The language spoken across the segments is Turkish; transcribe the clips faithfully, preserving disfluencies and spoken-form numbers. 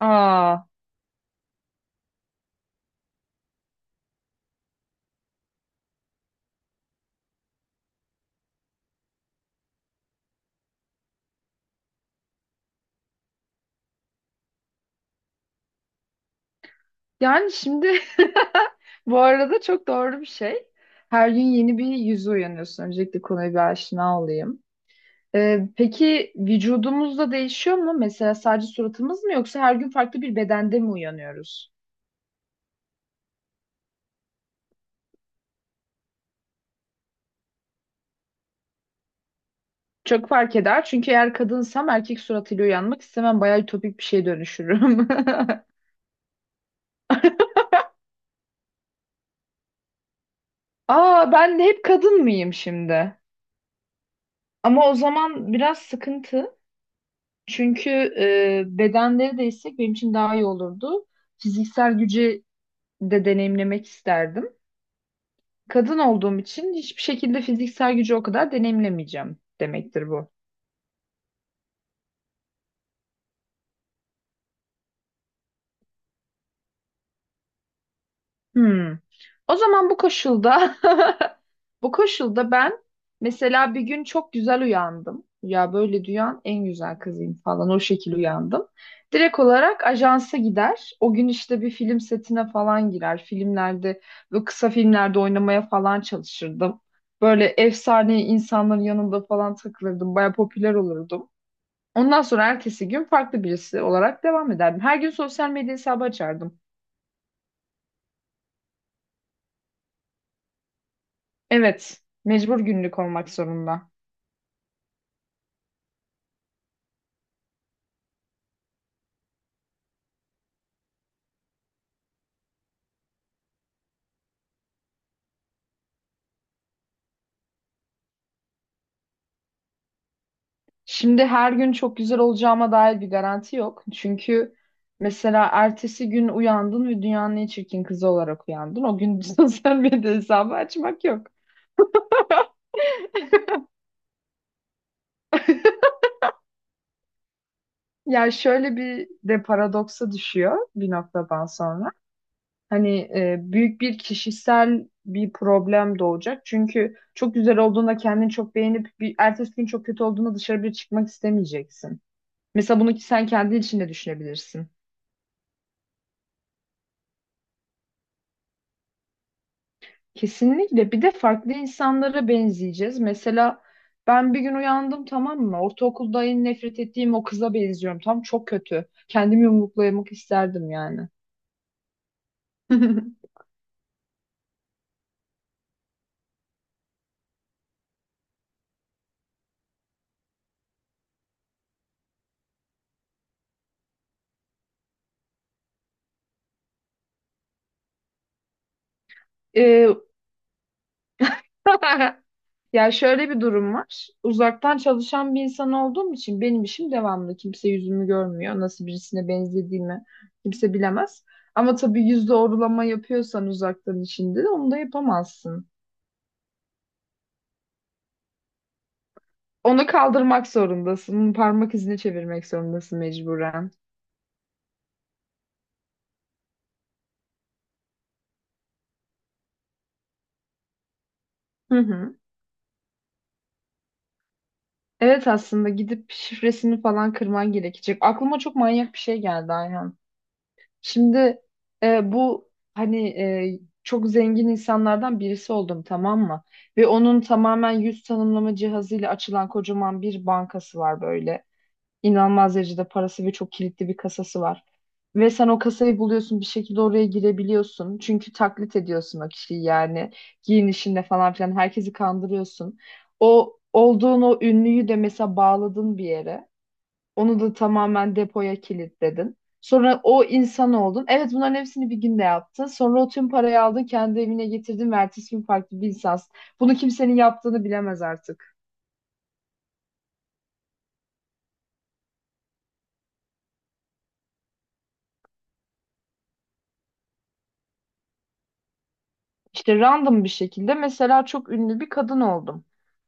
Aa, yani şimdi bu arada çok doğru bir şey. Her gün yeni bir yüze uyanıyorsun. Öncelikle konuya bir aşina olayım. Ee, peki vücudumuzda değişiyor mu? Mesela sadece suratımız mı yoksa her gün farklı bir bedende mi uyanıyoruz? Çok fark eder. Çünkü eğer kadınsam erkek suratıyla uyanmak istemem. Bayağı ütopik bir şeye dönüşürüm. Aa, ben de hep kadın mıyım şimdi? Ama o zaman biraz sıkıntı. Çünkü e, bedenleri değişsek benim için daha iyi olurdu. Fiziksel gücü de deneyimlemek isterdim. Kadın olduğum için hiçbir şekilde fiziksel gücü o kadar deneyimlemeyeceğim demektir bu. Hmm. O zaman bu koşulda bu koşulda ben mesela bir gün çok güzel uyandım. Ya böyle duyan en güzel kızıyım falan o şekil uyandım. Direkt olarak ajansa gider. O gün işte bir film setine falan girer. Filmlerde ve kısa filmlerde oynamaya falan çalışırdım. Böyle efsane insanların yanında falan takılırdım. Baya popüler olurdum. Ondan sonra ertesi gün farklı birisi olarak devam ederdim. Her gün sosyal medya hesabı açardım. Evet, mecbur günlük olmak zorunda. Şimdi her gün çok güzel olacağıma dair bir garanti yok. Çünkü mesela ertesi gün uyandın ve dünyanın en çirkin kızı olarak uyandın. O gün sosyal medya hesabı açmak yok. Ya şöyle bir de paradoksa düşüyor bir noktadan sonra. Hani e, büyük bir kişisel bir problem doğacak. Çünkü çok güzel olduğunda kendini çok beğenip bir ertesi gün çok kötü olduğunda dışarı bir çıkmak istemeyeceksin. Mesela bunu ki sen kendi içinde düşünebilirsin. Kesinlikle. Bir de farklı insanlara benzeyeceğiz. Mesela ben bir gün uyandım, tamam mı? Ortaokulda en nefret ettiğim o kıza benziyorum. Tam çok kötü. Kendimi yumruklayamak isterdim yani. Ee, ya şöyle bir durum var. Uzaktan çalışan bir insan olduğum için benim işim devamlı. Kimse yüzümü görmüyor. Nasıl birisine benzediğimi kimse bilemez. Ama tabii yüz doğrulama yapıyorsan uzaktan işinde de onu da yapamazsın. Onu kaldırmak zorundasın. Onu parmak izine çevirmek zorundasın mecburen. Hı hı. Evet, aslında gidip şifresini falan kırman gerekecek. Aklıma çok manyak bir şey geldi Ayhan. Şimdi e, bu hani e, çok zengin insanlardan birisi oldum, tamam mı? Ve onun tamamen yüz tanımlama cihazıyla açılan kocaman bir bankası var böyle. İnanılmaz derecede parası ve çok kilitli bir kasası var. Ve sen o kasayı buluyorsun, bir şekilde oraya girebiliyorsun. Çünkü taklit ediyorsun o kişiyi yani. Giyinişinde falan filan herkesi kandırıyorsun. O olduğun o ünlüyü de mesela bağladın bir yere. Onu da tamamen depoya kilitledin. Sonra o insan oldun. Evet, bunların hepsini bir günde yaptın. Sonra o tüm parayı aldın, kendi evine getirdin ve ertesi gün farklı bir insansın. Bunu kimsenin yaptığını bilemez artık. İşte random bir şekilde mesela çok ünlü bir kadın oldum.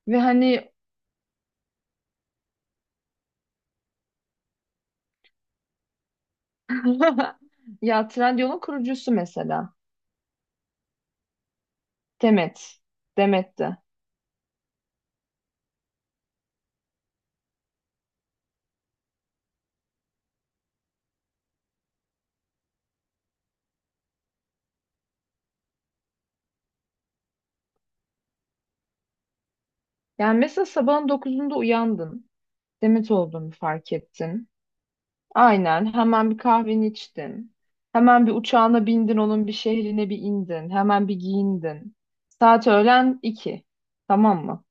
Ve hani ya Trendyol'un kurucusu mesela Demet. Demet'ti. Yani mesela sabahın dokuzunda uyandın. Demet olduğunu fark ettin. Aynen, hemen bir kahveni içtin. Hemen bir uçağına bindin, onun bir şehrine bir indin. Hemen bir giyindin. Saat öğlen iki. Tamam mı?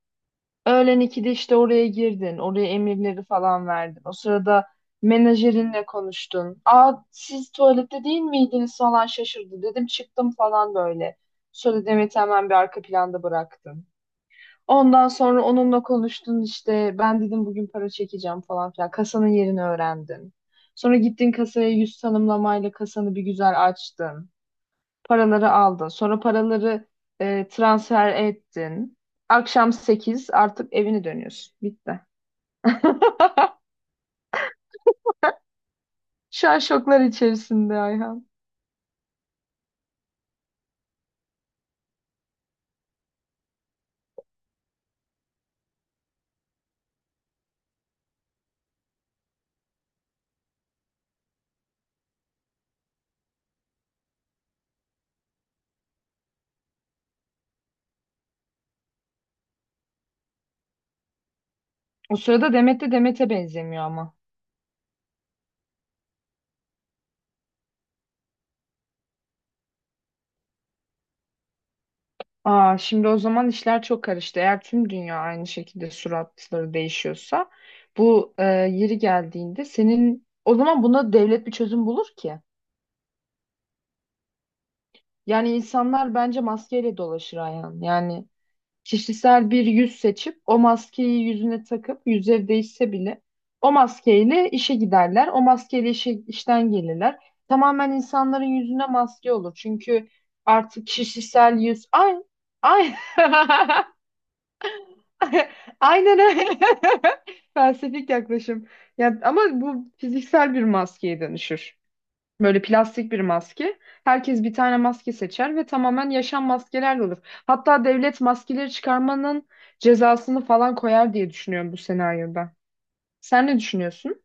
Öğlen ikide işte oraya girdin. Oraya emirleri falan verdin. O sırada menajerinle konuştun. Aa, siz tuvalette değil miydiniz falan şaşırdı. Dedim çıktım falan böyle. Sonra Demet'i hemen bir arka planda bıraktım. Ondan sonra onunla konuştun işte. Ben dedim bugün para çekeceğim falan filan. Kasanın yerini öğrendin. Sonra gittin kasaya, yüz tanımlamayla kasanı bir güzel açtın. Paraları aldın. Sonra paraları e, transfer ettin. Akşam sekiz, artık evine dönüyorsun. Bitti. Şu an şoklar içerisinde Ayhan. O sırada Demet de Demet'e benzemiyor ama. Aa, şimdi o zaman işler çok karıştı. Eğer tüm dünya aynı şekilde suratları değişiyorsa bu e, yeri geldiğinde senin o zaman buna devlet bir çözüm bulur ki. Yani insanlar bence maskeyle dolaşır Ayhan. Yani kişisel bir yüz seçip o maskeyi yüzüne takıp yüzleri değişse bile o maskeyle işe giderler. O maskeyle işe, işten gelirler. Tamamen insanların yüzüne maske olur. Çünkü artık kişisel yüz ay ay aynen öyle. Felsefik yaklaşım. Ya, ama bu fiziksel bir maskeye dönüşür. Böyle plastik bir maske. Herkes bir tane maske seçer ve tamamen yaşam maskelerle olur. Hatta devlet maskeleri çıkarmanın cezasını falan koyar diye düşünüyorum bu senaryoda. Sen ne düşünüyorsun?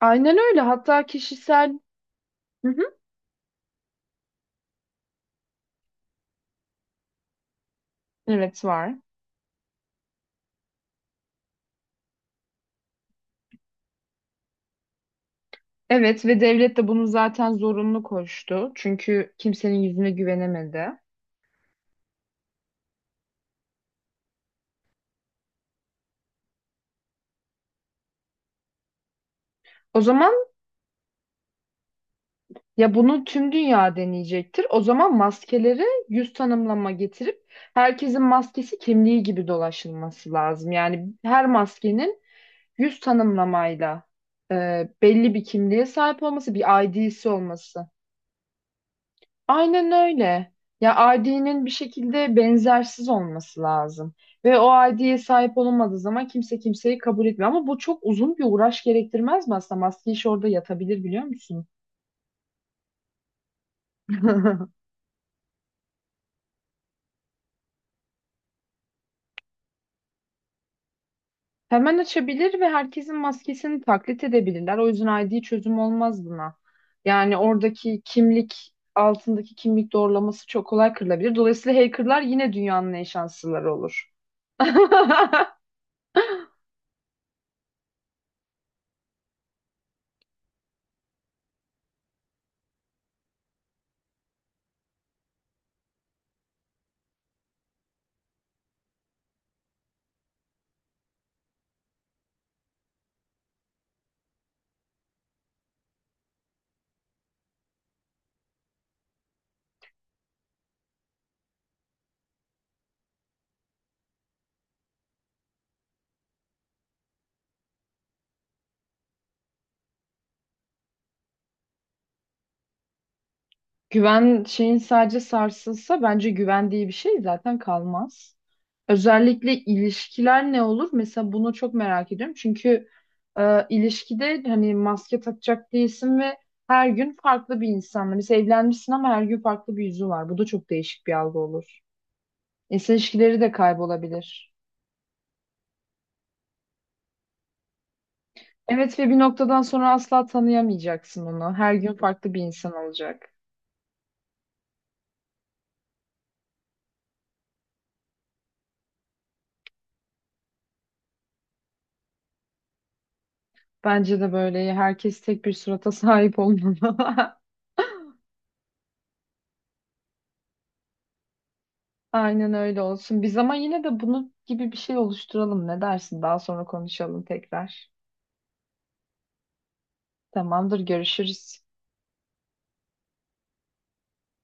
Aynen öyle. Hatta kişisel... Hı hı. Evet, var. Evet ve devlet de bunu zaten zorunlu koştu. Çünkü kimsenin yüzüne güvenemedi. O zaman ya bunu tüm dünya deneyecektir. O zaman maskeleri yüz tanımlama getirip herkesin maskesi kimliği gibi dolaşılması lazım. Yani her maskenin yüz tanımlamayla e, belli bir kimliğe sahip olması, bir I D'si olması. Aynen öyle. Ya I D'nin bir şekilde benzersiz olması lazım. Ve o I D'ye sahip olunmadığı zaman kimse kimseyi kabul etmiyor. Ama bu çok uzun bir uğraş gerektirmez mi aslında? Maske işi orada yatabilir, biliyor musun? Hemen açabilir ve herkesin maskesini taklit edebilirler. O yüzden I D çözüm olmaz buna. Yani oradaki kimlik altındaki kimlik doğrulaması çok kolay kırılabilir. Dolayısıyla hackerlar yine dünyanın en şanslıları olur. Güven şeyin sadece sarsılsa bence güvendiği bir şey zaten kalmaz. Özellikle ilişkiler ne olur? Mesela bunu çok merak ediyorum. Çünkü e, ilişkide hani maske takacak değilsin ve her gün farklı bir insanla. Mesela evlenmişsin ama her gün farklı bir yüzü var. Bu da çok değişik bir algı olur. İnsan ilişkileri de kaybolabilir. Evet ve bir noktadan sonra asla tanıyamayacaksın onu. Her gün farklı bir insan olacak. Bence de böyle herkes tek bir surata sahip olmalı. Aynen öyle olsun. Biz ama yine de bunun gibi bir şey oluşturalım. Ne dersin? Daha sonra konuşalım tekrar. Tamamdır, görüşürüz.